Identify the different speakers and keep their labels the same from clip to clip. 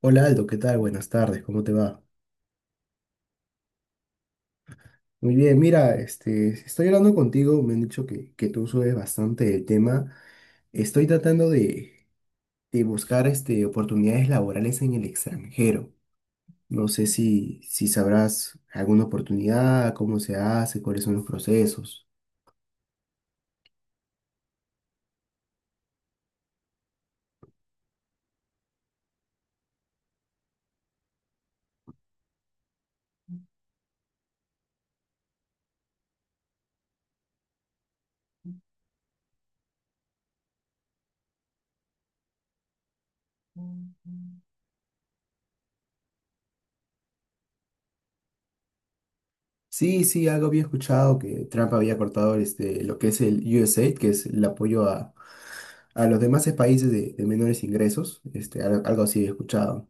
Speaker 1: Hola Aldo, ¿qué tal? Buenas tardes, ¿cómo te va? Muy bien, mira, estoy hablando contigo, me han dicho que tú sabes bastante el tema. Estoy tratando de buscar oportunidades laborales en el extranjero. No sé si sabrás alguna oportunidad, cómo se hace, cuáles son los procesos. Sí, sí, algo había escuchado que Trump había cortado lo que es el USAID, que es el apoyo a los demás países de menores ingresos. Algo así he escuchado.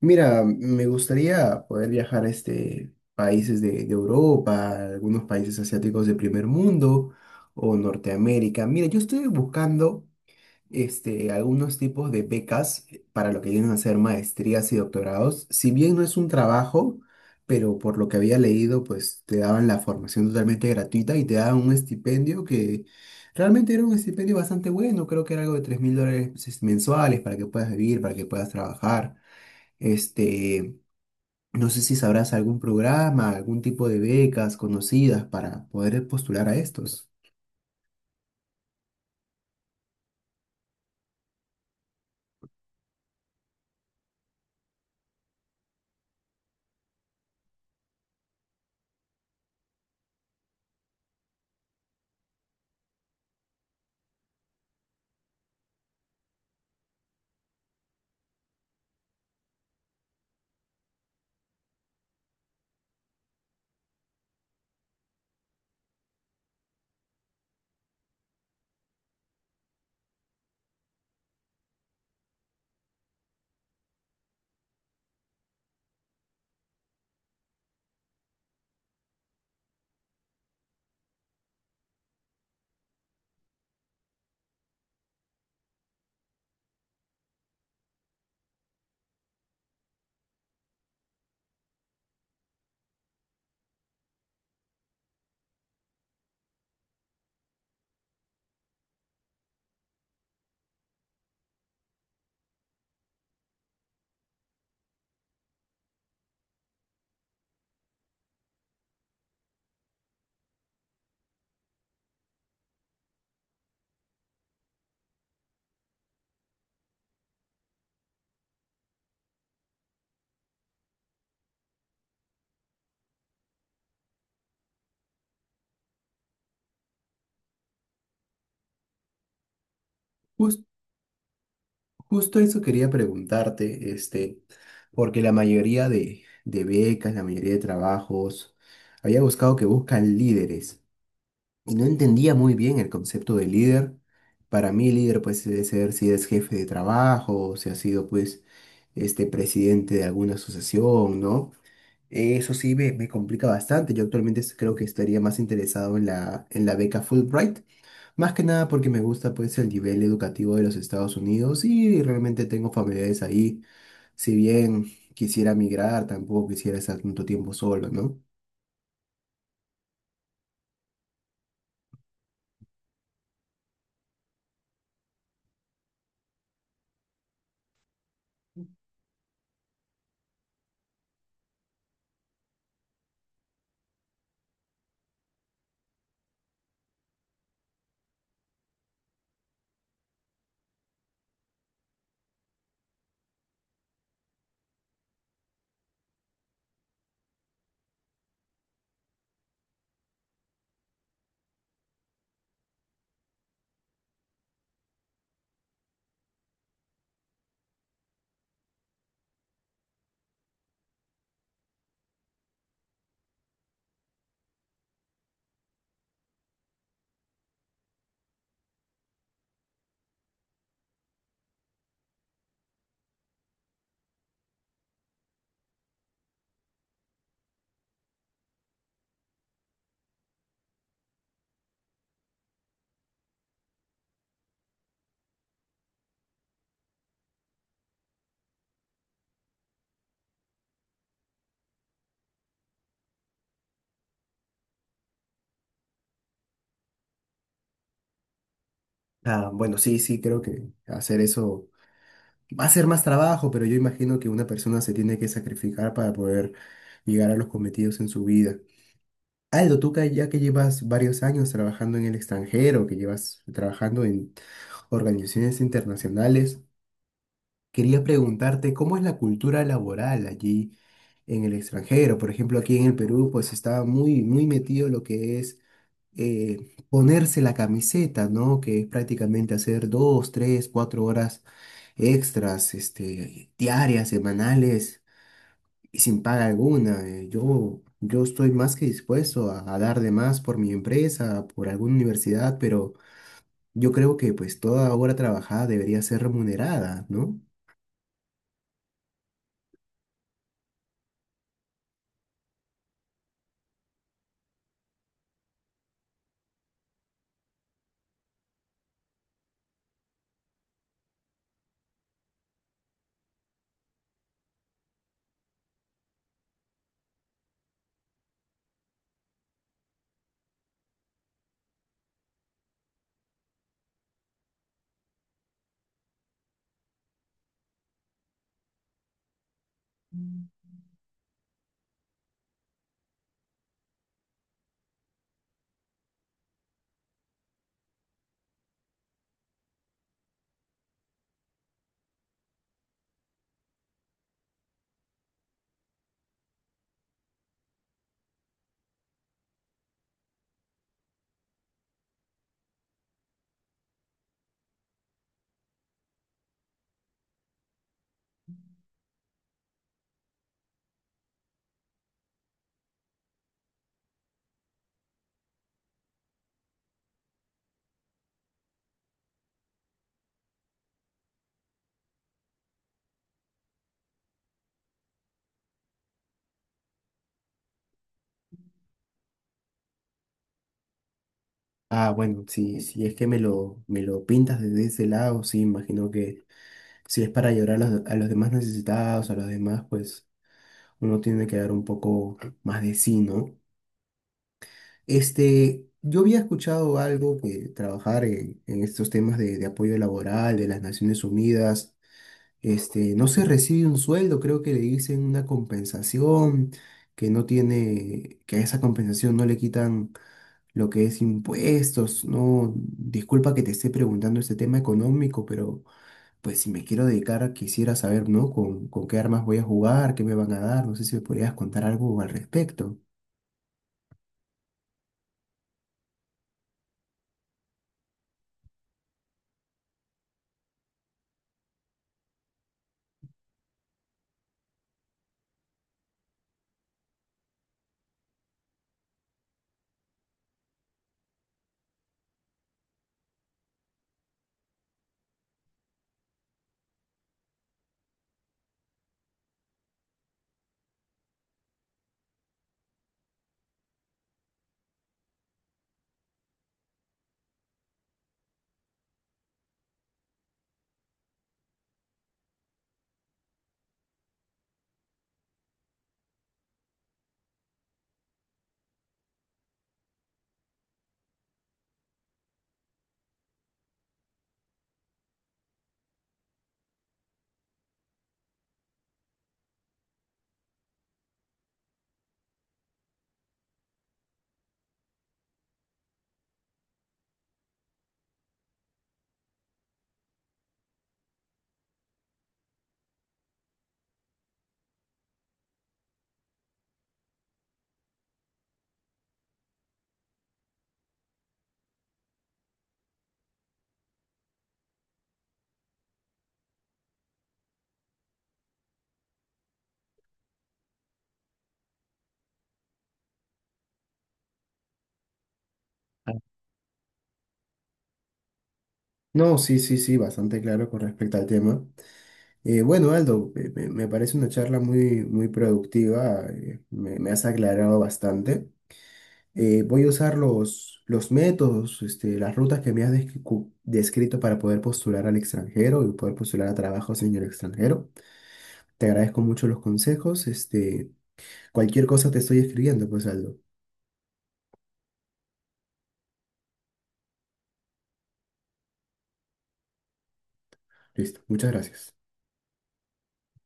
Speaker 1: Mira, me gustaría poder viajar a países de Europa, algunos países asiáticos de primer mundo o Norteamérica. Mira, yo estoy buscando algunos tipos de becas para lo que vienen a ser maestrías y doctorados. Si bien no es un trabajo, pero por lo que había leído, pues te daban la formación totalmente gratuita y te daban un estipendio que realmente era un estipendio bastante bueno. Creo que era algo de $3000 pues, mensuales para que puedas vivir, para que puedas trabajar. Este, no sé si sabrás algún programa, algún tipo de becas conocidas para poder postular a estos. Jus- Justo eso quería preguntarte, porque la mayoría de becas, la mayoría de trabajos, había buscado que buscan líderes y no entendía muy bien el concepto de líder. Para mí, líder pues debe ser si eres jefe de trabajo, o si has sido pues este presidente de alguna asociación, ¿no? Eso sí me complica bastante. Yo actualmente creo que estaría más interesado en en la beca Fulbright, más que nada porque me gusta pues el nivel educativo de los Estados Unidos y realmente tengo familiares ahí. Si bien quisiera migrar, tampoco quisiera estar tanto tiempo solo, ¿no? Ah, bueno, sí, sí, creo que hacer eso va a ser más trabajo, pero yo imagino que una persona se tiene que sacrificar para poder llegar a los cometidos en su vida. Aldo, tú que ya que llevas varios años trabajando en el extranjero, que llevas trabajando en organizaciones internacionales, quería preguntarte cómo es la cultura laboral allí en el extranjero. Por ejemplo, aquí en el Perú, pues está muy, muy metido lo que es eh, ponerse la camiseta, ¿no? Que es prácticamente hacer dos, tres, cuatro horas extras, diarias, semanales y sin paga alguna. Yo estoy más que dispuesto a dar de más por mi empresa, por alguna universidad, pero yo creo que pues toda hora trabajada debería ser remunerada, ¿no? Ah, bueno, si, si es que me me lo pintas desde ese lado, sí, imagino que si es para ayudar a a los demás necesitados, a los demás, pues uno tiene que dar un poco más de sí, ¿no? Yo había escuchado algo que trabajar en estos temas de apoyo laboral de las Naciones Unidas. No se recibe un sueldo, creo que le dicen una compensación, que no tiene, que a esa compensación no le quitan lo que es impuestos, ¿no? Disculpa que te esté preguntando este tema económico, pero pues si me quiero dedicar, quisiera saber, ¿no? Con qué armas voy a jugar, qué me van a dar, no sé si me podrías contar algo al respecto. Ah, No, sí, sí, sí, bastante claro con respecto al tema. Bueno, Aldo, me parece una charla muy, muy productiva, me has aclarado bastante. Voy a usar los métodos, las rutas que me has descrito para poder postular al extranjero y poder postular a trabajos en el extranjero. Te agradezco mucho los consejos. Cualquier cosa te estoy escribiendo, pues Aldo. Listo, muchas gracias.